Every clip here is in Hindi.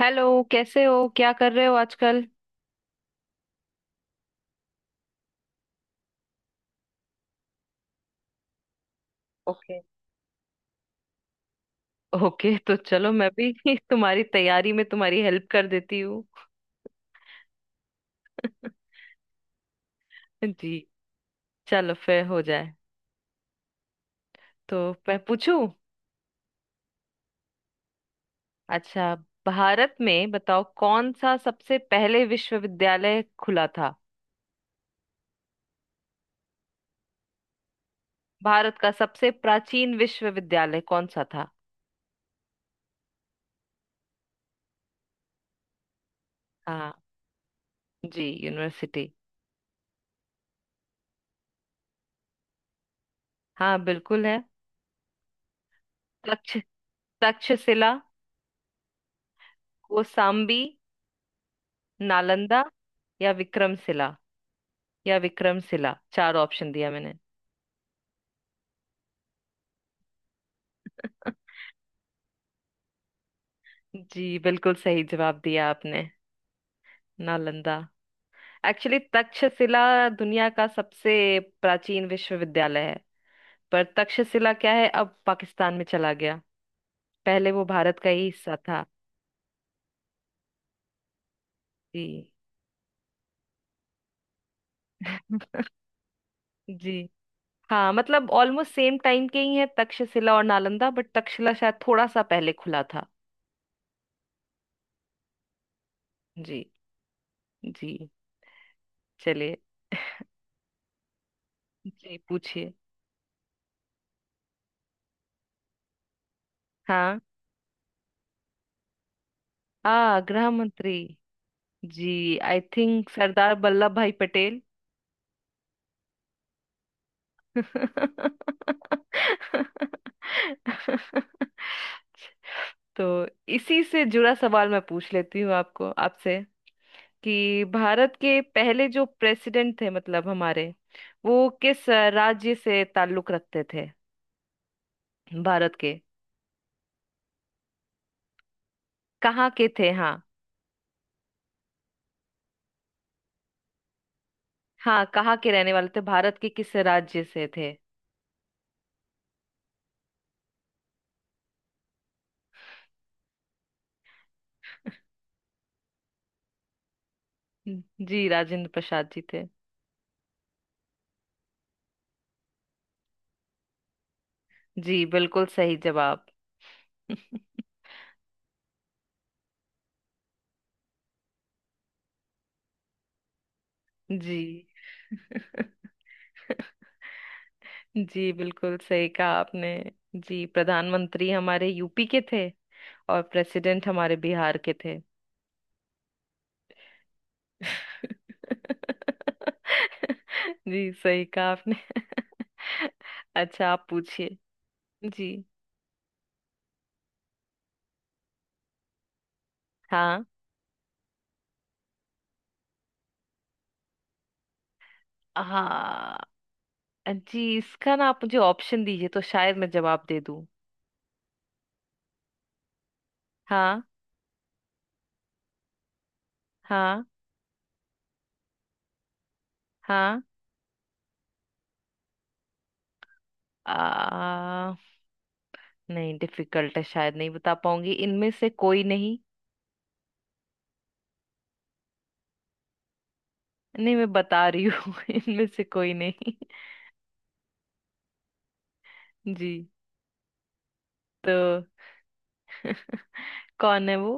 हेलो, कैसे हो? क्या कर रहे हो आजकल? ओके। ओके, तो चलो मैं भी तुम्हारी तैयारी में तुम्हारी हेल्प कर देती हूँ। जी। चलो फिर हो जाए। तो मैं पूछूं? अच्छा, भारत में बताओ कौन सा सबसे पहले विश्वविद्यालय खुला था? भारत का सबसे प्राचीन विश्वविद्यालय कौन सा था? हाँ। जी, यूनिवर्सिटी। हाँ बिल्कुल है। तक्ष, तक्षशिला, कौसाम्बी, नालंदा या विक्रमशिला, या विक्रमशिला। चार ऑप्शन दिया मैंने। जी, बिल्कुल सही जवाब दिया आपने। नालंदा। एक्चुअली तक्षशिला दुनिया का सबसे प्राचीन विश्वविद्यालय है। पर तक्षशिला क्या है, अब पाकिस्तान में चला गया। पहले वो भारत का ही हिस्सा था। जी। जी। हाँ मतलब ऑलमोस्ट सेम टाइम के ही है तक्षशिला और नालंदा, बट तक्षशिला शायद थोड़ा सा पहले खुला था। जी। जी। चलिए। जी पूछिए। हाँ। आ गृह मंत्री। जी, आई थिंक सरदार वल्लभ भाई पटेल। तो इसी से जुड़ा सवाल मैं पूछ लेती हूँ आपको, आपसे कि भारत के पहले जो प्रेसिडेंट थे, मतलब हमारे, वो किस राज्य से ताल्लुक रखते थे, भारत के। कहाँ के थे, हाँ। हाँ, कहाँ के रहने वाले थे? भारत के किस राज्य से थे? जी, राजेंद्र प्रसाद जी थे। जी बिल्कुल सही जवाब। जी। जी बिल्कुल सही कहा आपने। जी, प्रधानमंत्री हमारे यूपी के थे और प्रेसिडेंट हमारे बिहार के थे। जी सही कहा आपने। अच्छा, आप पूछिए। जी। हाँ। हाँ। जी इसका ना आप मुझे ऑप्शन दीजिए तो शायद मैं जवाब दे दूं। हाँ। हाँ। हाँ। आ, नहीं, डिफिकल्ट है, शायद नहीं बता पाऊंगी, इनमें से कोई नहीं। नहीं मैं बता रही हूँ इनमें से कोई नहीं। जी। तो कौन है वो?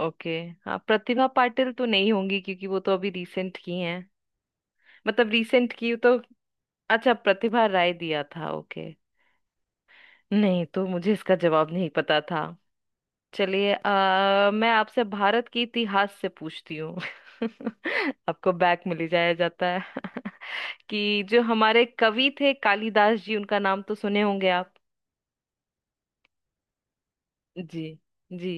ओके। हाँ प्रतिभा पाटिल तो नहीं होंगी क्योंकि वो तो अभी रिसेंट की हैं। मतलब रिसेंट की तो। अच्छा, प्रतिभा राय दिया था, ओके। नहीं तो मुझे इसका जवाब नहीं पता था। चलिए, मैं आपसे भारत के इतिहास से पूछती हूँ। आपको बैक मिल ही जाया जाता है। कि जो हमारे कवि थे कालिदास जी, उनका नाम तो सुने होंगे आप। जी। जी।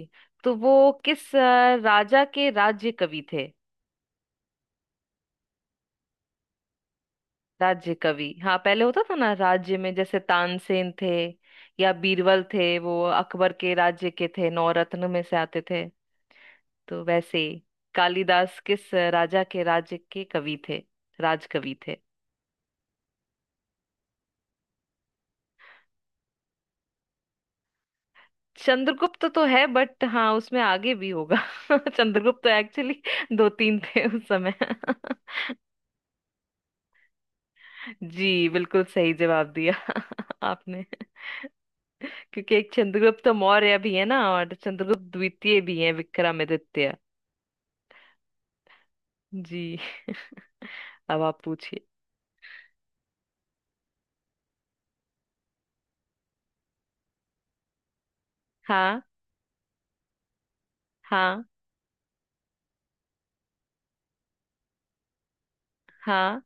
तो वो किस राजा के राज्य कवि थे? राज्य कवि, हाँ पहले होता था ना राज्य में, जैसे तानसेन थे या बीरबल थे, वो अकबर के राज्य के थे, नौरत्न में से आते थे। तो वैसे ही कालिदास किस राजा के राज्य के कवि थे, राजकवि थे? चंद्रगुप्त तो है, बट हाँ उसमें आगे भी होगा। चंद्रगुप्त तो एक्चुअली दो तीन थे उस समय। जी बिल्कुल सही जवाब दिया आपने, क्योंकि एक चंद्रगुप्त मौर्य भी है ना और चंद्रगुप्त द्वितीय भी है विक्रमादित्य। जी। अब आप पूछिए। हाँ। हाँ। हाँ।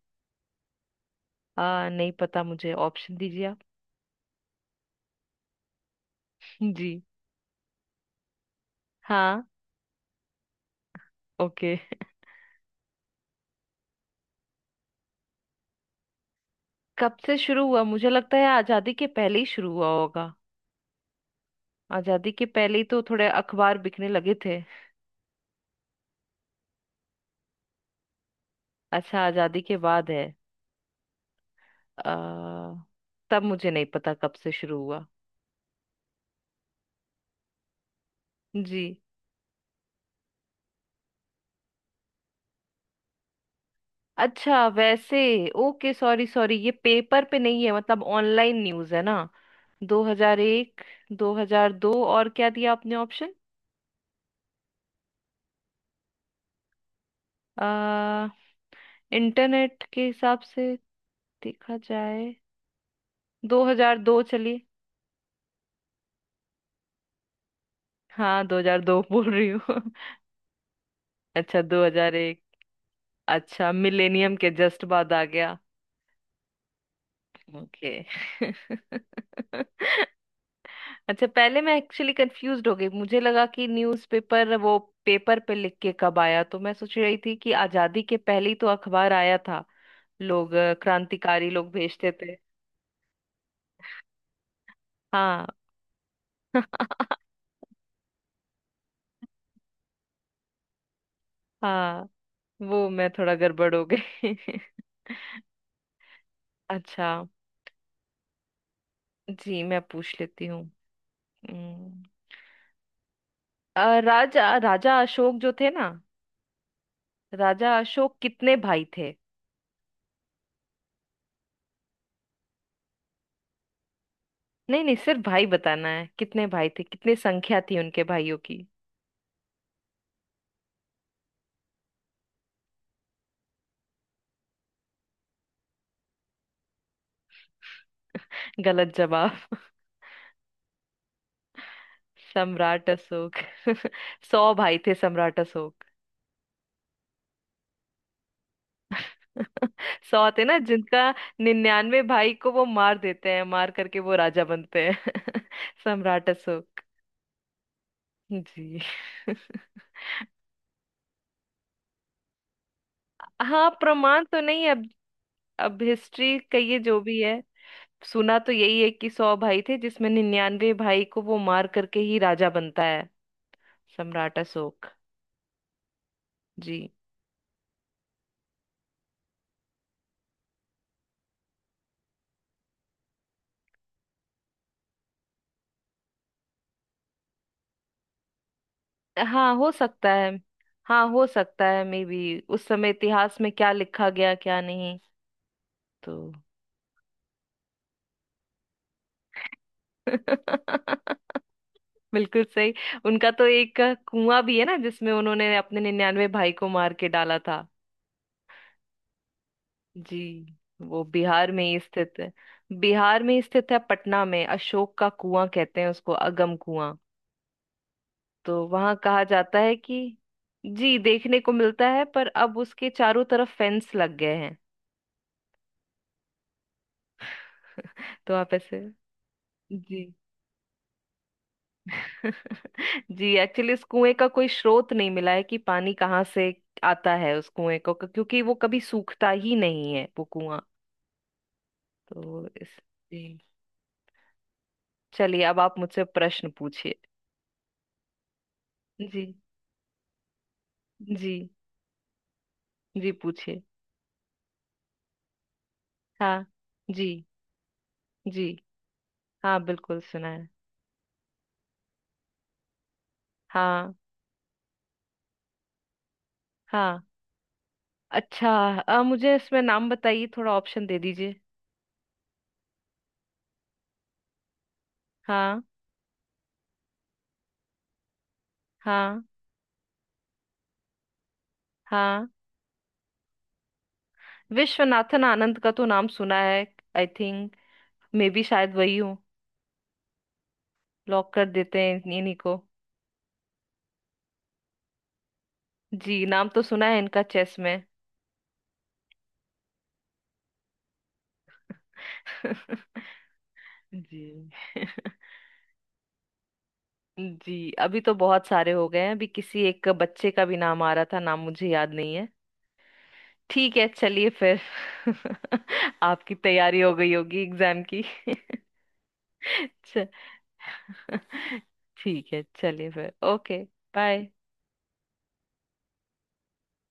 नहीं पता मुझे, ऑप्शन दीजिए आप। जी। हाँ। ओके। कब से शुरू हुआ? मुझे लगता है आजादी के पहले ही शुरू हुआ होगा। आजादी के पहले ही तो थोड़े अखबार बिकने लगे थे। अच्छा, आजादी के बाद है। आ, तब मुझे नहीं पता कब से शुरू हुआ। जी। अच्छा वैसे। ओके सॉरी सॉरी, ये पेपर पे नहीं है, मतलब ऑनलाइन न्यूज़ है ना। 2001, 2002 और क्या दिया आपने ऑप्शन? इंटरनेट के हिसाब से देखा जाए, 2002। चलिए, हाँ 2002 बोल रही हूँ। अच्छा 2001। अच्छा, मिलेनियम के जस्ट बाद आ गया। ओके। अच्छा, पहले मैं एक्चुअली कंफ्यूज हो गई, मुझे लगा कि न्यूज़पेपर वो पेपर पे लिख के कब आया, तो मैं सोच रही थी कि आजादी के पहले ही तो अखबार आया था, लोग क्रांतिकारी लोग भेजते थे। हाँ। हाँ वो मैं थोड़ा गड़बड़ हो गई। अच्छा। जी मैं पूछ लेती हूँ। हम्म, राजा, राजा अशोक जो थे ना, राजा अशोक कितने भाई थे? नहीं नहीं, सिर्फ भाई बताना है कितने भाई थे, कितनी संख्या थी उनके भाइयों की। गलत जवाब। सम्राट अशोक। सौ भाई थे सम्राट अशोक। सौ थे ना जिनका। निन्यानवे भाई को वो मार देते हैं, मार करके वो राजा बनते हैं। सम्राट अशोक। जी। हाँ प्रमाण तो नहीं अब। अब हिस्ट्री कहिए जो भी है। सुना तो यही है कि सौ भाई थे, जिसमें निन्यानवे भाई को वो मार करके ही राजा बनता है। सम्राट अशोक। जी। हाँ हो सकता है। हाँ हो सकता है, मे बी उस समय इतिहास में क्या लिखा गया क्या नहीं। तो बिल्कुल सही। उनका तो एक कुआं भी है ना, जिसमें उन्होंने अपने निन्यानवे भाई को मार के डाला था। जी, वो बिहार में ही स्थित है। बिहार में ही स्थित है, पटना में, अशोक का कुआं कहते हैं उसको, अगम कुआं। तो वहां कहा जाता है कि, जी, देखने को मिलता है, पर अब उसके चारों तरफ फेंस लग गए हैं। तो आप ऐसे। जी। जी एक्चुअली इस कुएं का कोई स्रोत नहीं मिला है कि पानी कहाँ से आता है उस कुएं को, क्योंकि वो कभी सूखता ही नहीं है वो कुआं। तो इस। जी, चलिए अब आप मुझसे प्रश्न पूछिए। जी। जी। जी पूछिए। हाँ। जी। जी। हाँ बिल्कुल सुना है। हाँ। हाँ। अच्छा मुझे इसमें नाम बताइए थोड़ा, ऑप्शन दे दीजिए। हाँ। हाँ। हाँ। विश्वनाथन आनंद का तो नाम सुना है। आई थिंक, मे बी शायद वही हो। लॉक कर देते हैं इन्हीं को। जी, नाम तो सुना है इनका चेस में। जी। जी अभी तो बहुत सारे हो गए हैं, अभी किसी एक बच्चे का भी नाम आ रहा था, नाम मुझे याद नहीं है। ठीक है चलिए फिर। आपकी तैयारी हो गई होगी एग्जाम की। च- ठीक है चलिए फिर, ओके। बाय।